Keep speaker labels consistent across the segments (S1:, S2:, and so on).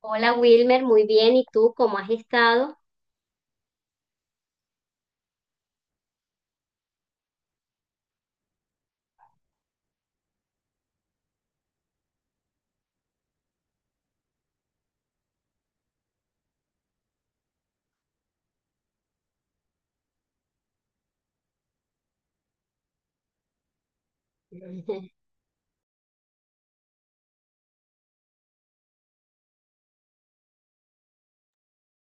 S1: Hola Wilmer, muy bien. ¿Y tú cómo has estado?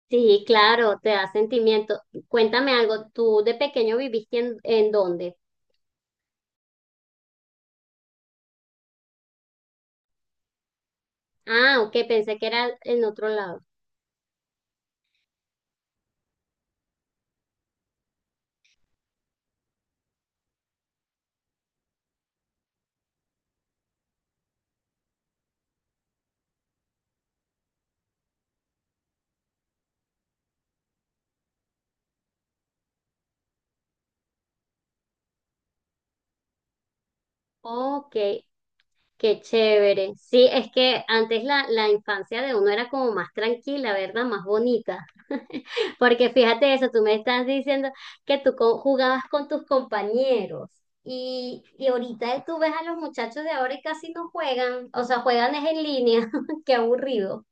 S1: Sí, claro, te da sentimiento. Cuéntame algo, ¿tú de pequeño viviste en dónde? Ah, ok, pensé que era en otro lado. Ok. Qué chévere. Sí, es que antes la infancia de uno era como más tranquila, ¿verdad? Más bonita. Porque fíjate eso, tú me estás diciendo que tú jugabas con tus compañeros y ahorita tú ves a los muchachos de ahora y casi no juegan, o sea, juegan es en línea. Qué aburrido.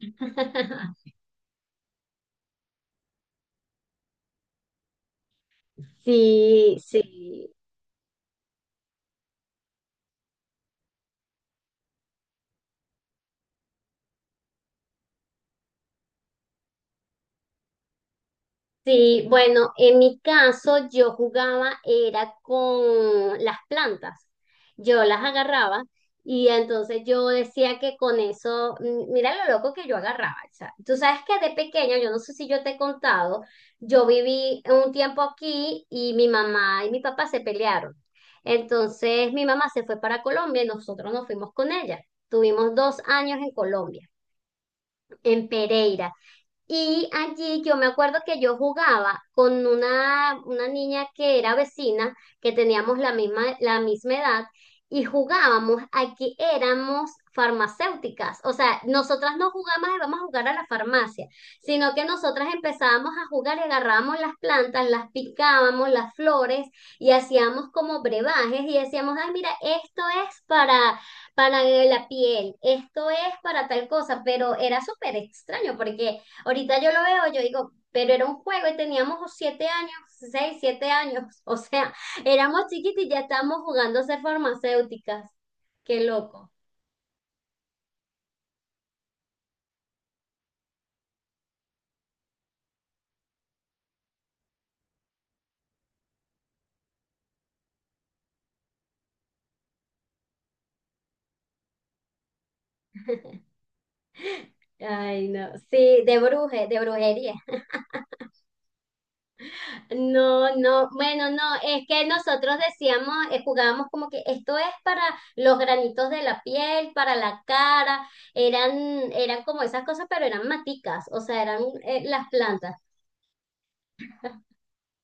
S1: Sí, sí. Sí, bueno, en mi caso yo jugaba era con las plantas. Yo las agarraba y entonces yo decía que con eso, mira lo loco que yo agarraba. O sea, tú sabes que de pequeña, yo no sé si yo te he contado, yo viví un tiempo aquí y mi mamá y mi papá se pelearon. Entonces mi mamá se fue para Colombia y nosotros nos fuimos con ella. Tuvimos dos años en Colombia, en Pereira. Y allí yo me acuerdo que yo jugaba con una niña que era vecina, que teníamos la misma edad, y jugábamos a que éramos farmacéuticas. O sea, nosotras no jugábamos de vamos a jugar a la farmacia, sino que nosotras empezábamos a jugar y agarrábamos las plantas, las picábamos, las flores, y hacíamos como brebajes y decíamos, ay, mira, esto es para la piel, esto es para tal cosa, pero era súper extraño porque ahorita yo lo veo, yo digo, pero era un juego y teníamos 7 años, 6, 7 años. O sea, éramos chiquitos y ya estábamos jugando a ser farmacéuticas. Qué loco. Ay, no. Sí, de brujería. No, no, bueno, no, es que nosotros decíamos, jugábamos como que esto es para los granitos de la piel, para la cara, eran, eran como esas cosas, pero eran maticas, o sea, eran las plantas.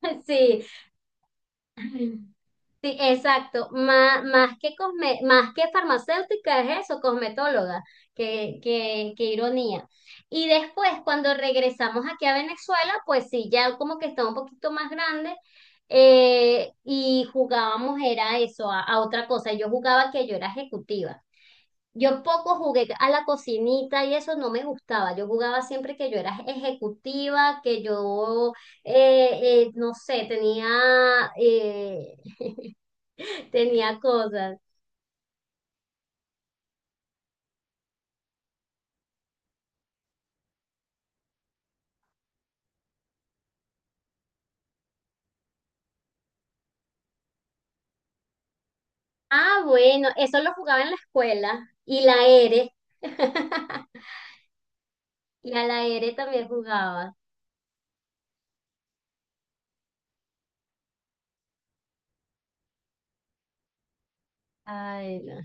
S1: Sí. Sí, exacto. Más que más que farmacéutica es eso, cosmetóloga. Qué ironía. Y después, cuando regresamos aquí a Venezuela, pues sí, ya como que estaba un poquito más grande, y jugábamos, era eso, a otra cosa. Yo jugaba que yo era ejecutiva. Yo poco jugué a la cocinita y eso no me gustaba. Yo jugaba siempre que yo era ejecutiva, que yo, no sé, eh, tenía cosas. Ah, bueno, eso lo jugaba en la escuela. Y la ere. Y a la ere también jugaba. Ay, no.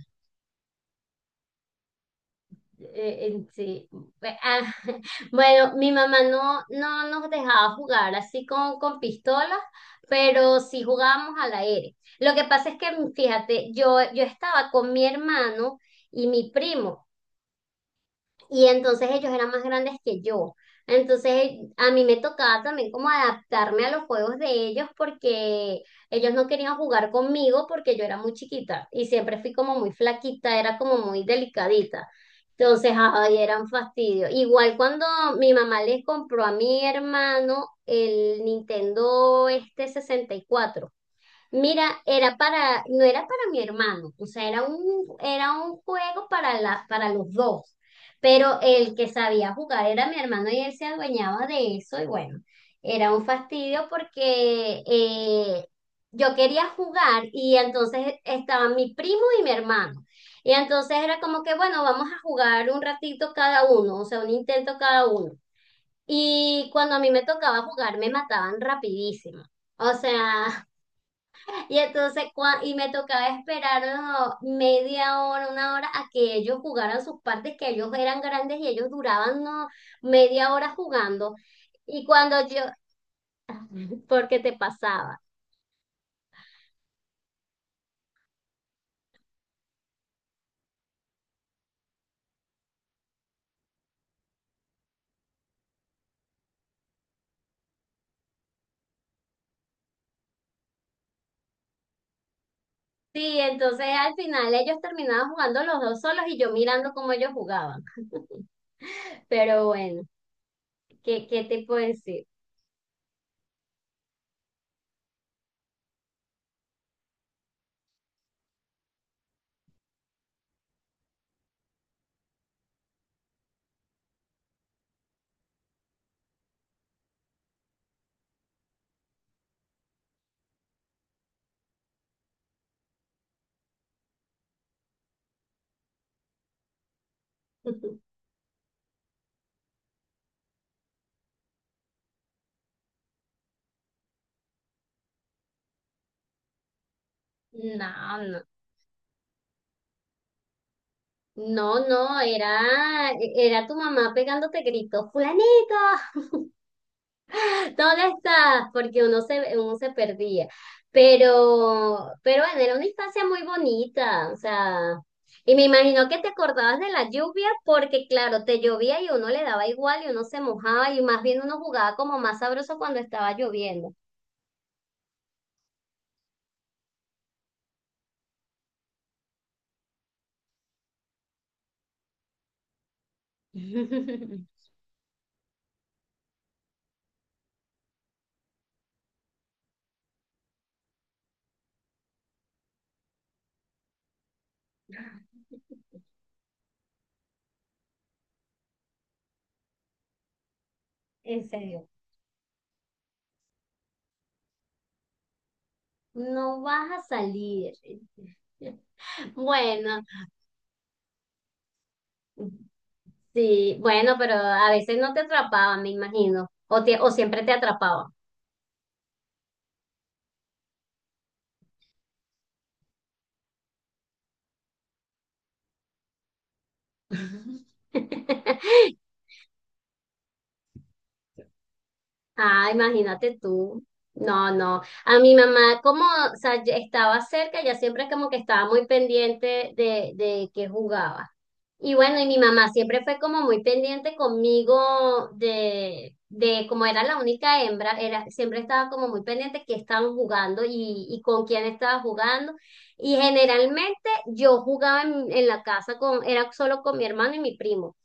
S1: En sí. Pues, ah, Bueno, mi mamá no nos dejaba jugar así con pistolas, pero sí jugábamos a la ere. Lo que pasa es que, fíjate, yo estaba con mi hermano y mi primo. Y entonces ellos eran más grandes que yo. Entonces a mí me tocaba también como adaptarme a los juegos de ellos porque ellos no querían jugar conmigo porque yo era muy chiquita y siempre fui como muy flaquita, era como muy delicadita. Entonces, ay, era un fastidio. Igual cuando mi mamá les compró a mi hermano el Nintendo este 64. Mira, era para, no era para mi hermano, o sea, era un juego para los dos, pero el que sabía jugar era mi hermano y él se adueñaba de eso y bueno, era un fastidio porque yo quería jugar y entonces estaban mi primo y mi hermano. Y entonces era como que, bueno, vamos a jugar un ratito cada uno, o sea, un intento cada uno. Y cuando a mí me tocaba jugar, me mataban rapidísimo. O sea, y entonces, y me tocaba esperar, oh, media hora, una hora a que ellos jugaran sus partes, que ellos eran grandes y ellos duraban, no, media hora jugando. Y cuando yo, porque te pasaba. Sí, entonces al final ellos terminaban jugando los dos solos y yo mirando cómo ellos jugaban. Pero bueno, ¿qué te puedo decir? No, no. No, no, era, era tu mamá pegándote gritos, fulanito. Molestas porque uno se perdía. Pero bueno, era una infancia muy bonita, o sea, y me imagino que te acordabas de la lluvia porque claro, te llovía y uno le daba igual y uno se mojaba y más bien uno jugaba como más sabroso cuando estaba lloviendo. En serio, no vas a salir. Bueno, sí, bueno, pero a veces no te atrapaban, me imagino, o siempre te atrapaban. Ah, imagínate tú. No, no. A mi mamá, como, o sea, ya estaba cerca, ya siempre como que estaba muy pendiente de que jugaba. Y bueno, y mi mamá siempre fue como muy pendiente conmigo de como era la única hembra, era, siempre estaba como muy pendiente que estaban jugando y con quién estaba jugando. Y generalmente yo jugaba en la casa, era solo con mi hermano y mi primo.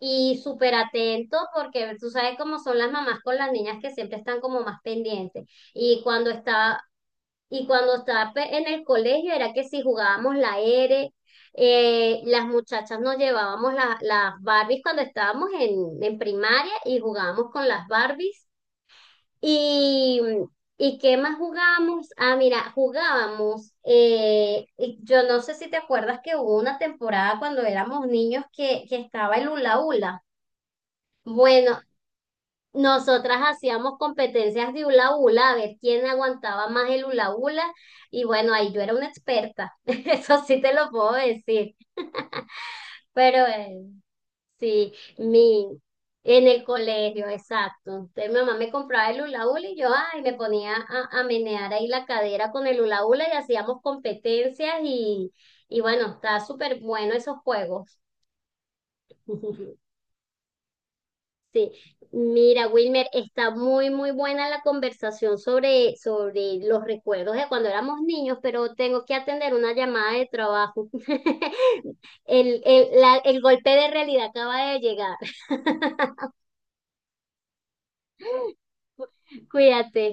S1: Y súper atento porque tú sabes cómo son las mamás con las niñas que siempre están como más pendientes. Y cuando estaba en el colegio era que si jugábamos la R, las muchachas nos llevábamos las Barbies cuando estábamos en primaria y jugábamos con las Barbies. Y, ¿y qué más jugábamos? Ah, mira, jugábamos, y yo no sé si te acuerdas que hubo una temporada cuando éramos niños que estaba el hula hula. Bueno, nosotras hacíamos competencias de hula hula, a ver quién aguantaba más el hula hula, y bueno, ahí yo era una experta, eso sí te lo puedo decir, pero sí, en el colegio, exacto. Entonces mi mamá me compraba el hula hula y yo, ay, me ponía a menear ahí la cadera con el hula hula y hacíamos competencias y bueno, está súper bueno esos juegos. Sí, mira, Wilmer, está muy, muy buena la conversación sobre los recuerdos de cuando éramos niños, pero tengo que atender una llamada de trabajo. El golpe de realidad acaba de llegar. Cuídate.